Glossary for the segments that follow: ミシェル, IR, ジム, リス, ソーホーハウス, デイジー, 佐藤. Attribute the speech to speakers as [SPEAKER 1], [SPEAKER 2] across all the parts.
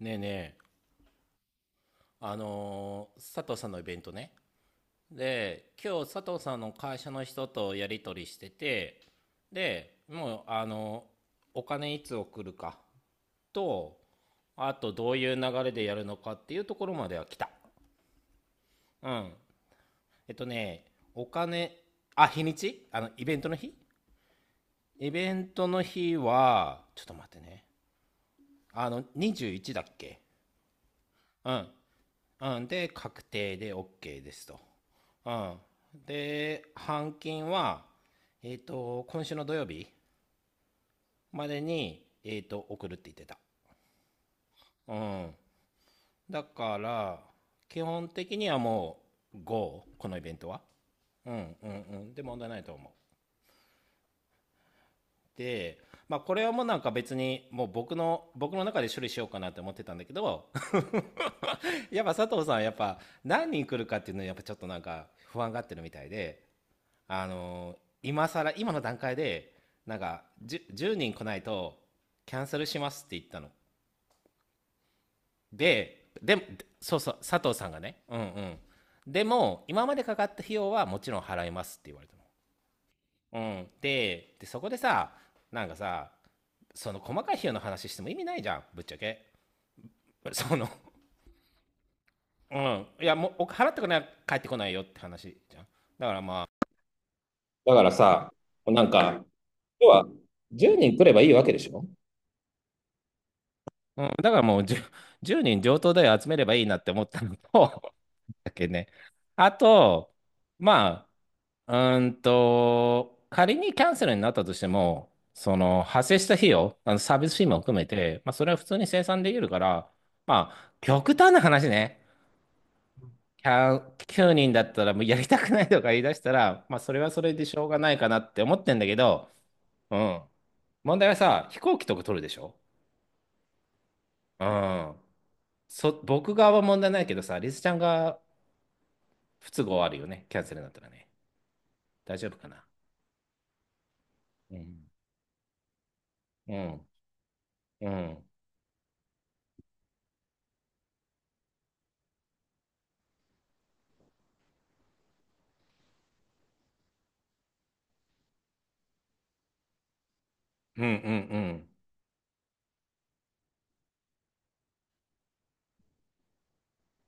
[SPEAKER 1] ねえねえ、佐藤さんのイベントね。で、今日佐藤さんの会社の人とやり取りしてて、でもうお金いつ送るかと、あとどういう流れでやるのかっていうところまでは来た。うん。ね、お金、あ、日にち、あのイベントの日はちょっと待ってね。あの21だっけ。うんうん、で、確定で OK ですと。うん。で、半金は、今週の土曜日までに、送るって言ってた。うん。だから、基本的にはもう GO、このイベントは。うんうんうん。で、問題ないと思う。で、まあ、これはもうなんか別に、もう僕の中で処理しようかなって思ってたんだけど、やっぱ佐藤さんはやっぱ何人来るかっていうのはやっぱちょっとなんか不安がってるみたいで、あの今更今の段階でなんか 10, 人来ないとキャンセルしますって言ったの。でも、そうそう、佐藤さんがね、うんうん。でも今までかかった費用はもちろん払いますって言われたの。うん。でそこでさ、なんかさ、その細かい費用の話しても意味ないじゃん、ぶっちゃけ。その、うん、いやもうお払ってこない帰ってこないよって話じゃん。だから、まあ、だからさ、なんか、要は10人来ればいいわけでしょ。うん。だからもう10、人上等だよ、集めればいいなって思ったのと、だけね。あと、まあ、仮にキャンセルになったとしても、その派生した費用、あのサービス費も含めて、まあ、それは普通に生産できるから。まあ、極端な話ね、キャン9人だったらもうやりたくないとか言い出したら、まあ、それはそれでしょうがないかなって思ってんだけど、うん。問題はさ、飛行機とか取るでしょ。うん。僕側は問題ないけどさ、リスちゃんが不都合あるよね。キャンセルになったらね。大丈夫かな。うん。うん。うん。うん。うん。うん。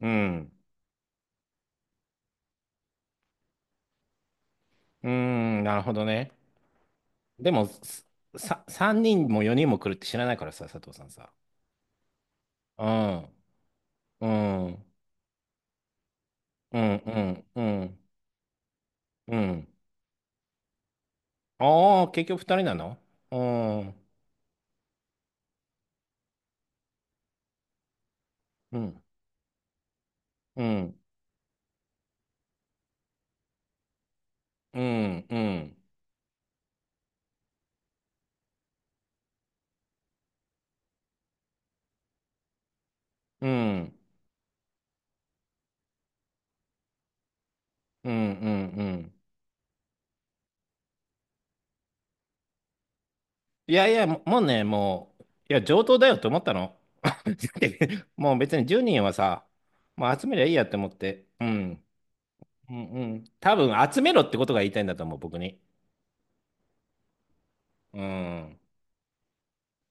[SPEAKER 1] うん。うん。なるほどね。でも、さ、3人も4人も来るって知らないからさ、佐藤さんさ。うん。うん。うん。うん。うん。うん。ああ、結局2人なの。うん。うん。うん。うん。うん。うん。うん。うん。うん。いやいや、もうね、もう、いや、上等だよと思ったの。だってもう別に10人はさ、もう集めりゃいいやって思って。うん。うんうん。多分集めろってことが言いたいんだと思う、僕に。うん。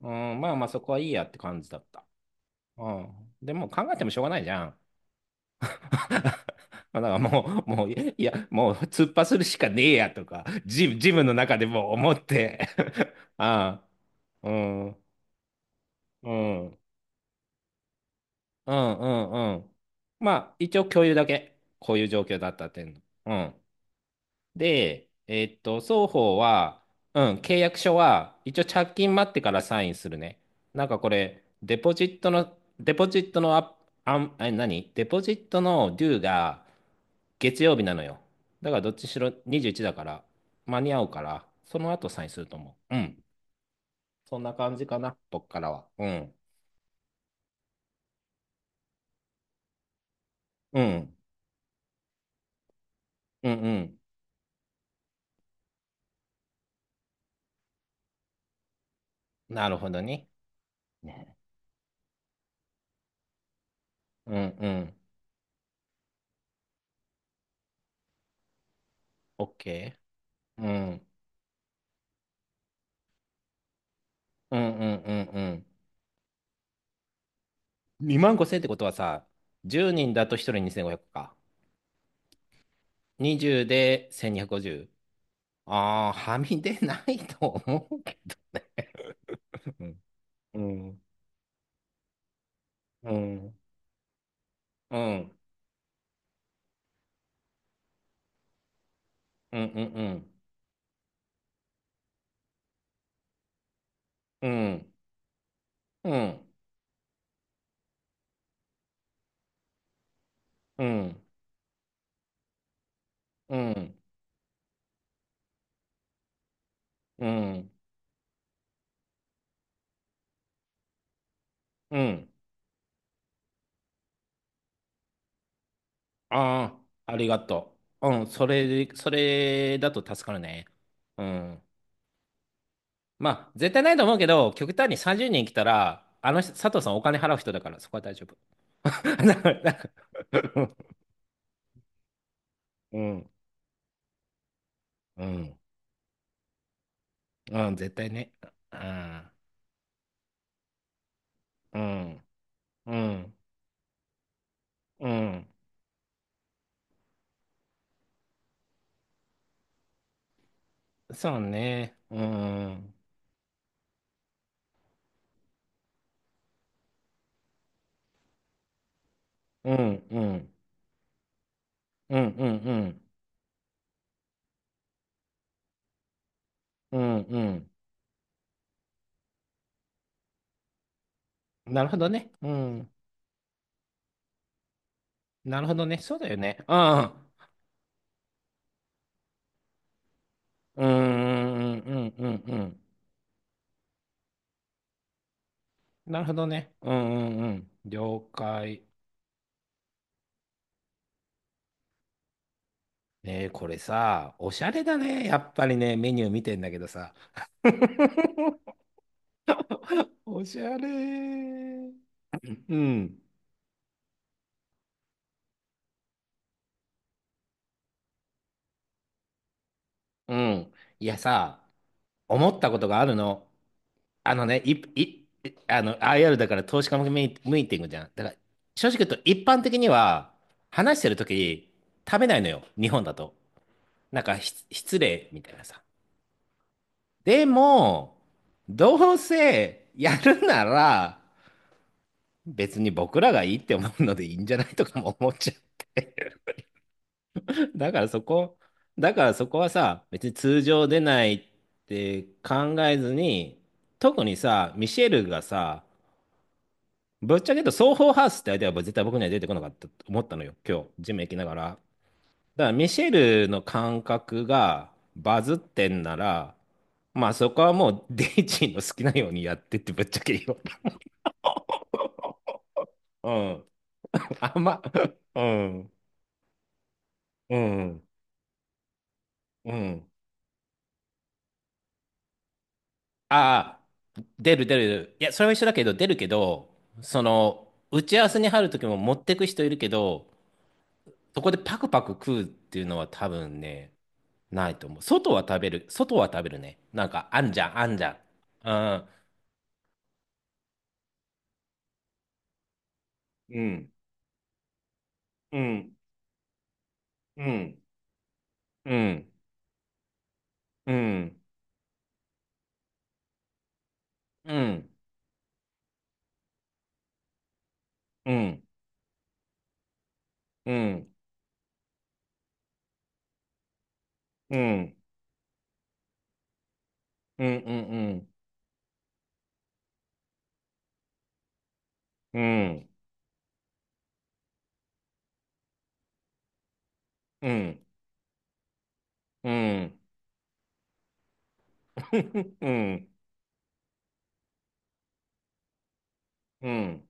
[SPEAKER 1] うん、まあまあそこはいいやって感じだった。うん。でも考えてもしょうがないじゃん。まあだからもう、いや、もう突破するしかねえやとか、ジムの中でもう思って。ああ、うん、うん。うんうんうん。まあ、一応共有だけ。こういう状況だったっていうの。うん。で、双方は、うん、契約書は、一応着金待ってからサインするね。なんかこれ、デポジットのア、あん、あ、何デポジットのデューが月曜日なのよ。だからどっちしろ21だから、間に合うから、その後サインすると思う。うん。そんな感じかな、僕からは。うん。うん。うんうん。なるほどね。ね、うんうん。OK。うん。うんうんうんうん。2万5000ってことはさ、10人だと1人2500か。20で1250。ああ、はみ出ないと思うけど。うん。うん。うん。うんうんうん。うん。うん。うん。うん。うん。ああー、ありがとう。うん。それだと助かるね。うん。まあ、絶対ないと思うけど、極端に30人来たら、あの人、佐藤さんお金払う人だから、そこは大丈夫。なんか、なんか、うん、うん、うん、絶対ね。うん、うん、うん、うん、そうね。うん、うん、うん、うん、うん、うん、うん、なるほどね。うん、なるほどね。そうだよね。うん、うん、うん、うん、うん、うん、なるほどね。うん、うん、うん、了解。ねえ、これさ、おしゃれだね。やっぱりね、メニュー見てんだけどさ。おしゃれー。うん、うん。いやさ、思ったことがあるの。あのね、あの、IR だから投資家向けミーティングじゃん。だから、正直言うと一般的には、話してるとき、食べないのよ。日本だと。なんか、失礼みたいなさ。でも、どうせやるなら、別に僕らがいいって思うのでいいんじゃないとかも思っちゃう。だからそこはさ、別に通常出ないって考えずに、特にさ、ミシェルがさ、ぶっちゃけ言うとソーホーハウスって相手は絶対僕には出てこなかったと思ったのよ、今日、ジム行きながら。だからミシェルの感覚がバズってんなら、まあそこはもうデイジーの好きなようにやってってぶっちゃけ言うよ。うん。あんま、うん。うん。うん。ああ、出る出る出る。いや、それは一緒だけど、出るけど、その、打ち合わせに入るときも持ってく人いるけど、そこでパクパク食うっていうのは多分ね、ないと思う。外は食べる。外は食べるね。なんか、あんじゃん、あんじゃん。あー、うん、うん、うん、うん、うん、うん、うん、うん、うん、うん、うん、うん、うん、うん、うん、うん、うん、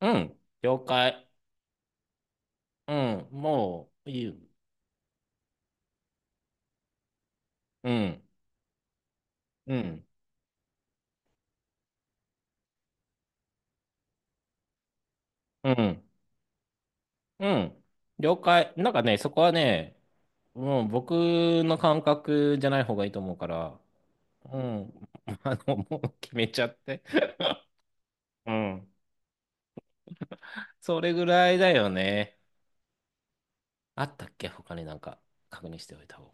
[SPEAKER 1] うん、了解。うん、もういいよ。うん、うん、うん、うん。了解。なんかね、そこはね、もう僕の感覚じゃない方がいいと思うから、うん、あの、もう決めちゃって。うん。それぐらいだよね。あったっけ他になんか確認しておいた方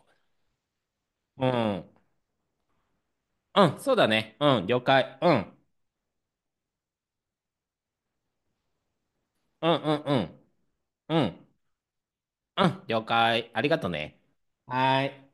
[SPEAKER 1] が。うん。うん、そうだね。うん、了解。うん。うん、うん、うん。うん、うん、了解。ありがとね。はーい。